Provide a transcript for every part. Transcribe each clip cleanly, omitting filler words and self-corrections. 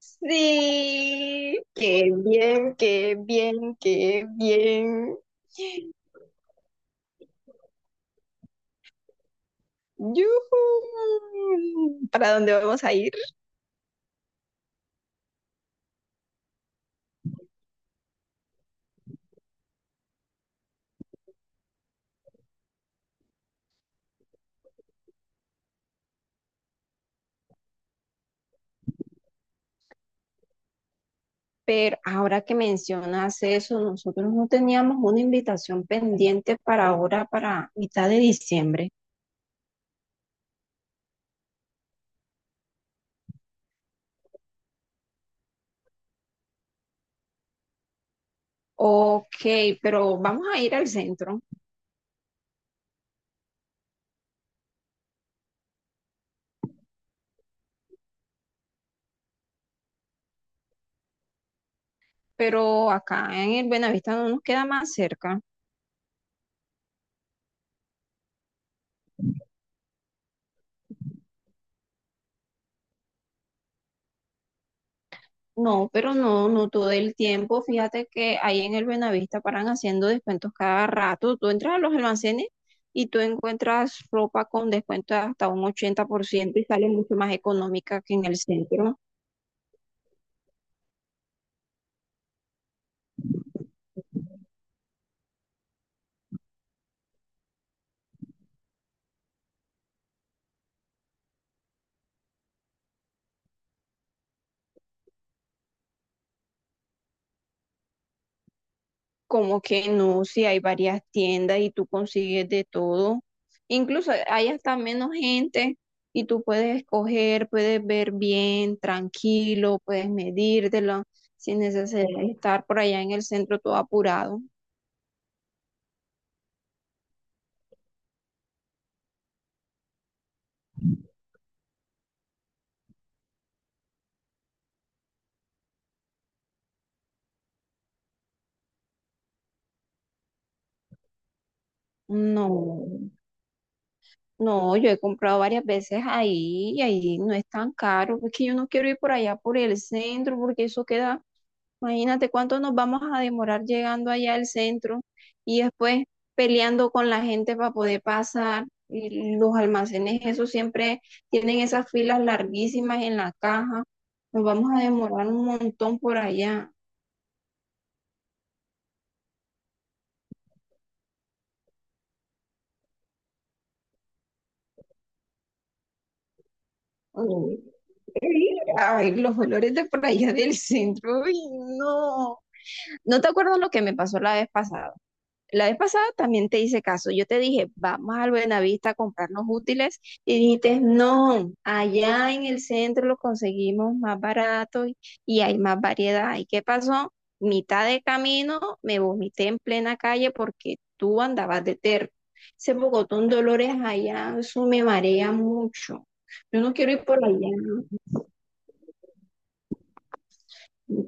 Sí, qué bien, qué bien, qué bien. ¡Yujú! ¿Para dónde vamos a ir? Pero ahora que mencionas eso, nosotros no teníamos una invitación pendiente para ahora, para mitad de diciembre. Ok, pero vamos a ir al centro, pero acá en el Buenavista no nos queda más cerca. No, pero no, no todo el tiempo. Fíjate que ahí en el Buenavista paran haciendo descuentos cada rato. Tú entras a los almacenes y tú encuentras ropa con descuento hasta un 80% y sale mucho más económica que en el centro. Como que no, si hay varias tiendas y tú consigues de todo. Incluso hay hasta menos gente y tú puedes escoger, puedes ver bien, tranquilo, puedes medírtelo sin necesidad de estar por allá en el centro todo apurado. No, no, yo he comprado varias veces ahí y ahí no es tan caro. Es que yo no quiero ir por allá por el centro porque eso queda, imagínate cuánto nos vamos a demorar llegando allá al centro y después peleando con la gente para poder pasar. Y los almacenes, eso siempre tienen esas filas larguísimas en la caja. Nos vamos a demorar un montón por allá. Uy, ay, los olores de por allá del centro, uy, no. ¿No te acuerdas lo que me pasó la vez pasada? La vez pasada también te hice caso. Yo te dije, vamos al Buenavista a comprarnos útiles y dijiste, no, allá en el centro lo conseguimos más barato y hay más variedad. ¿Y qué pasó? Mitad de camino me vomité en plena calle porque tú andabas de terco. Ese Bogotón Dolores allá, eso me marea mucho. Yo no quiero ir por allá. ¿No?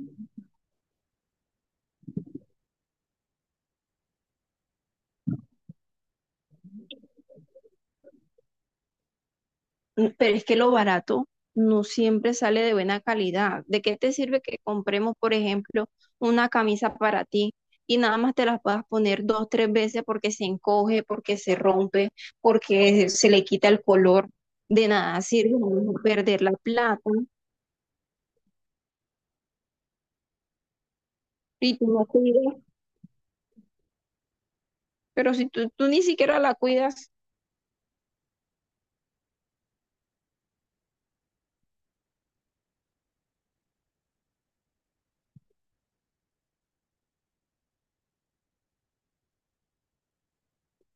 Pero es que lo barato no siempre sale de buena calidad. ¿De qué te sirve que compremos, por ejemplo, una camisa para ti y nada más te las puedas poner dos, tres veces porque se encoge, porque se rompe, porque se le quita el color? De nada sirve no perder la plata y tú no cuidas. Pero si tú ni siquiera la cuidas.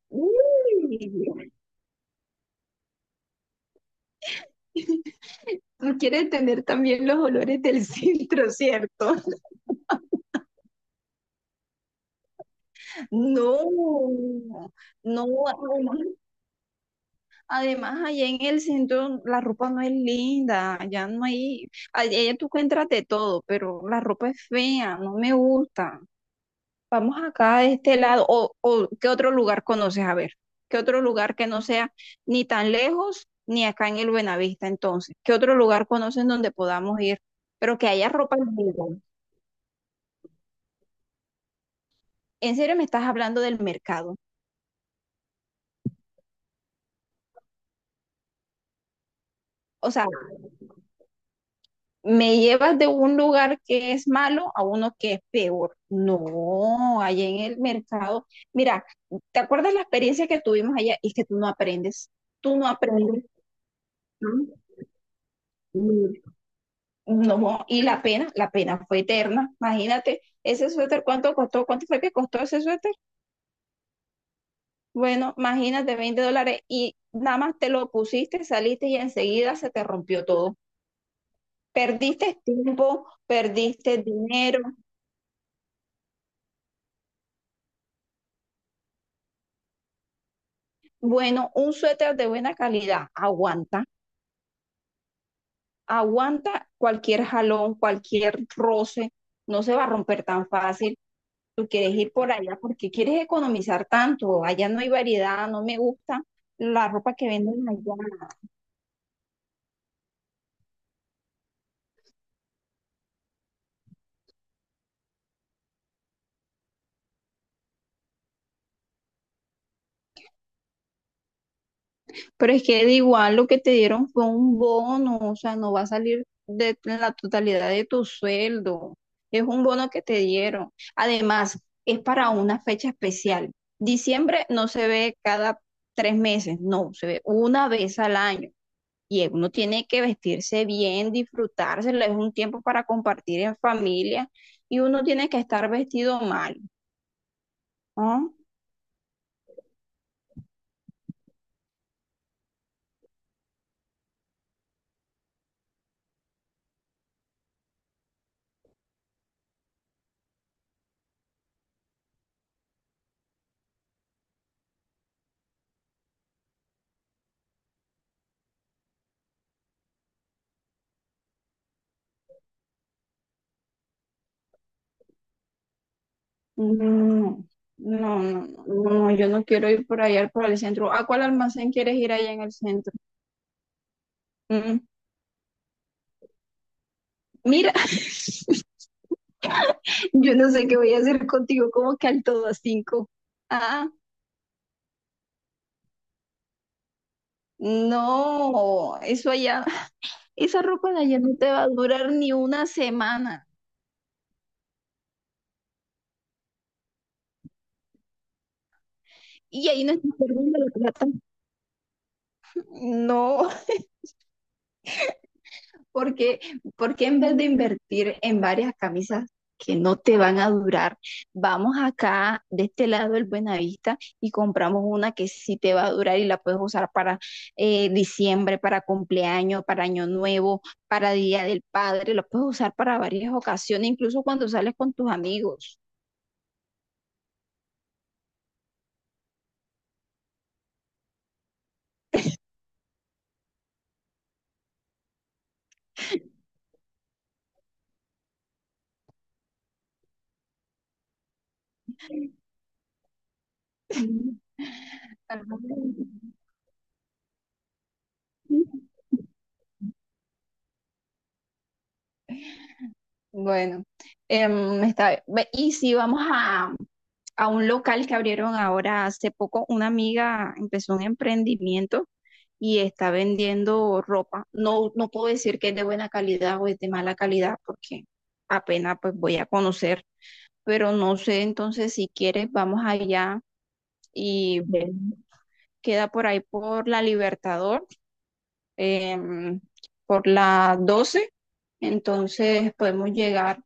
¡Uy! Tú quieres tener también los olores del centro, ¿cierto? No, no. Además, allá en el centro la ropa no es linda, ya no hay, allá tú encuentras de todo, pero la ropa es fea, no me gusta. Vamos acá de este lado, o ¿qué otro lugar conoces? A ver, ¿qué otro lugar que no sea ni tan lejos ni acá en el Buenavista entonces? ¿Qué otro lugar conoces donde podamos ir, pero que haya ropa linda? ¿En serio me estás hablando del mercado? O sea, me llevas de un lugar que es malo a uno que es peor. No, allá en el mercado. Mira, ¿te acuerdas la experiencia que tuvimos allá? Y que tú no aprendes, tú no aprendes. Mm. No, y la pena fue eterna. Imagínate, ese suéter, ¿cuánto costó? ¿Cuánto fue que costó ese suéter? Bueno, imagínate, 20 dólares, y nada más te lo pusiste, saliste y enseguida se te rompió todo. Perdiste tiempo, perdiste dinero. Bueno, un suéter de buena calidad aguanta, aguanta cualquier jalón, cualquier roce, no se va a romper tan fácil. Tú quieres ir por allá porque quieres economizar tanto, allá no hay variedad, no me gusta la ropa que venden allá. Pero es que de igual lo que te dieron fue un bono, o sea, no va a salir de la totalidad de tu sueldo. Es un bono que te dieron. Además, es para una fecha especial. Diciembre no se ve cada 3 meses, no, se ve una vez al año. Y uno tiene que vestirse bien, disfrutárselo, es un tiempo para compartir en familia y uno tiene que estar vestido mal. ¿Ah? No, no, no, no, no, yo no quiero ir por allá, por el centro. ¿A cuál almacén quieres ir allá en el centro? Mm, Mira, yo no sé qué voy a hacer contigo, como que al todo a cinco. Ah, no, eso allá, esa ropa de allá no te va a durar ni una semana. Y ahí no estás perdiendo la plata. No. Porque, porque en vez de invertir en varias camisas que no te van a durar, vamos acá de este lado del Buenavista y compramos una que sí te va a durar y la puedes usar para diciembre, para cumpleaños, para año nuevo, para Día del Padre, la puedes usar para varias ocasiones, incluso cuando sales con tus amigos. Bueno, está bien. Y si vamos a, un local que abrieron ahora hace poco. Una amiga empezó un emprendimiento y está vendiendo ropa. No, no puedo decir que es de buena calidad o es de mala calidad porque apenas pues voy a conocer, pero no sé, entonces si quieres vamos allá y ven. Queda por ahí por la Libertador, em, por la 12, entonces podemos llegar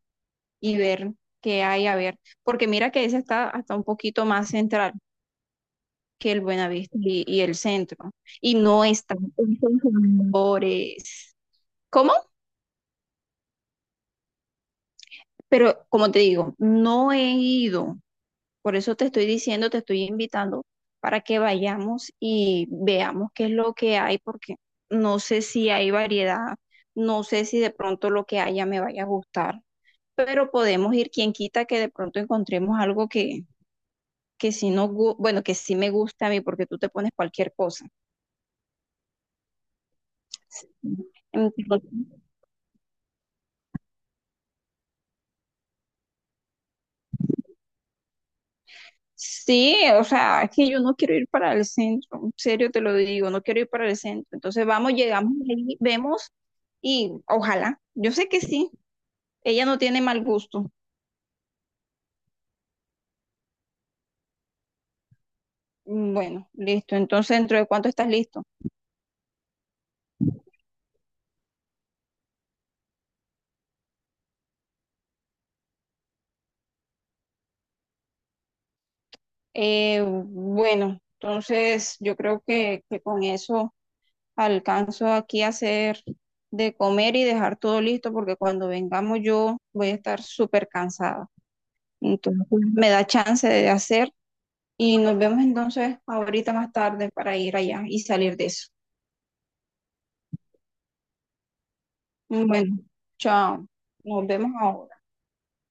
y ver qué hay a ver, porque mira que esa está hasta un poquito más central que el Buenavista y el centro. Y no están esos jugadores. ¿Cómo? Pero como te digo, no he ido. Por eso te estoy diciendo, te estoy invitando para que vayamos y veamos qué es lo que hay, porque no sé si hay variedad, no sé si de pronto lo que haya me vaya a gustar, pero podemos ir, quien quita que de pronto encontremos algo que sí no, bueno, que sí me gusta a mí, porque tú te pones cualquier cosa. Entonces, sí, o sea, es que yo no quiero ir para el centro, en serio te lo digo, no quiero ir para el centro. Entonces vamos, llegamos ahí, vemos y ojalá, yo sé que sí, ella no tiene mal gusto. Mm. Bueno, listo, entonces ¿dentro de cuánto estás listo? Bueno, entonces yo creo que con eso alcanzo aquí a hacer de comer y dejar todo listo porque cuando vengamos yo voy a estar súper cansada. Entonces me da chance de hacer. Y nos vemos entonces ahorita más tarde para ir allá y salir de eso. Bueno, chao. Nos vemos ahora.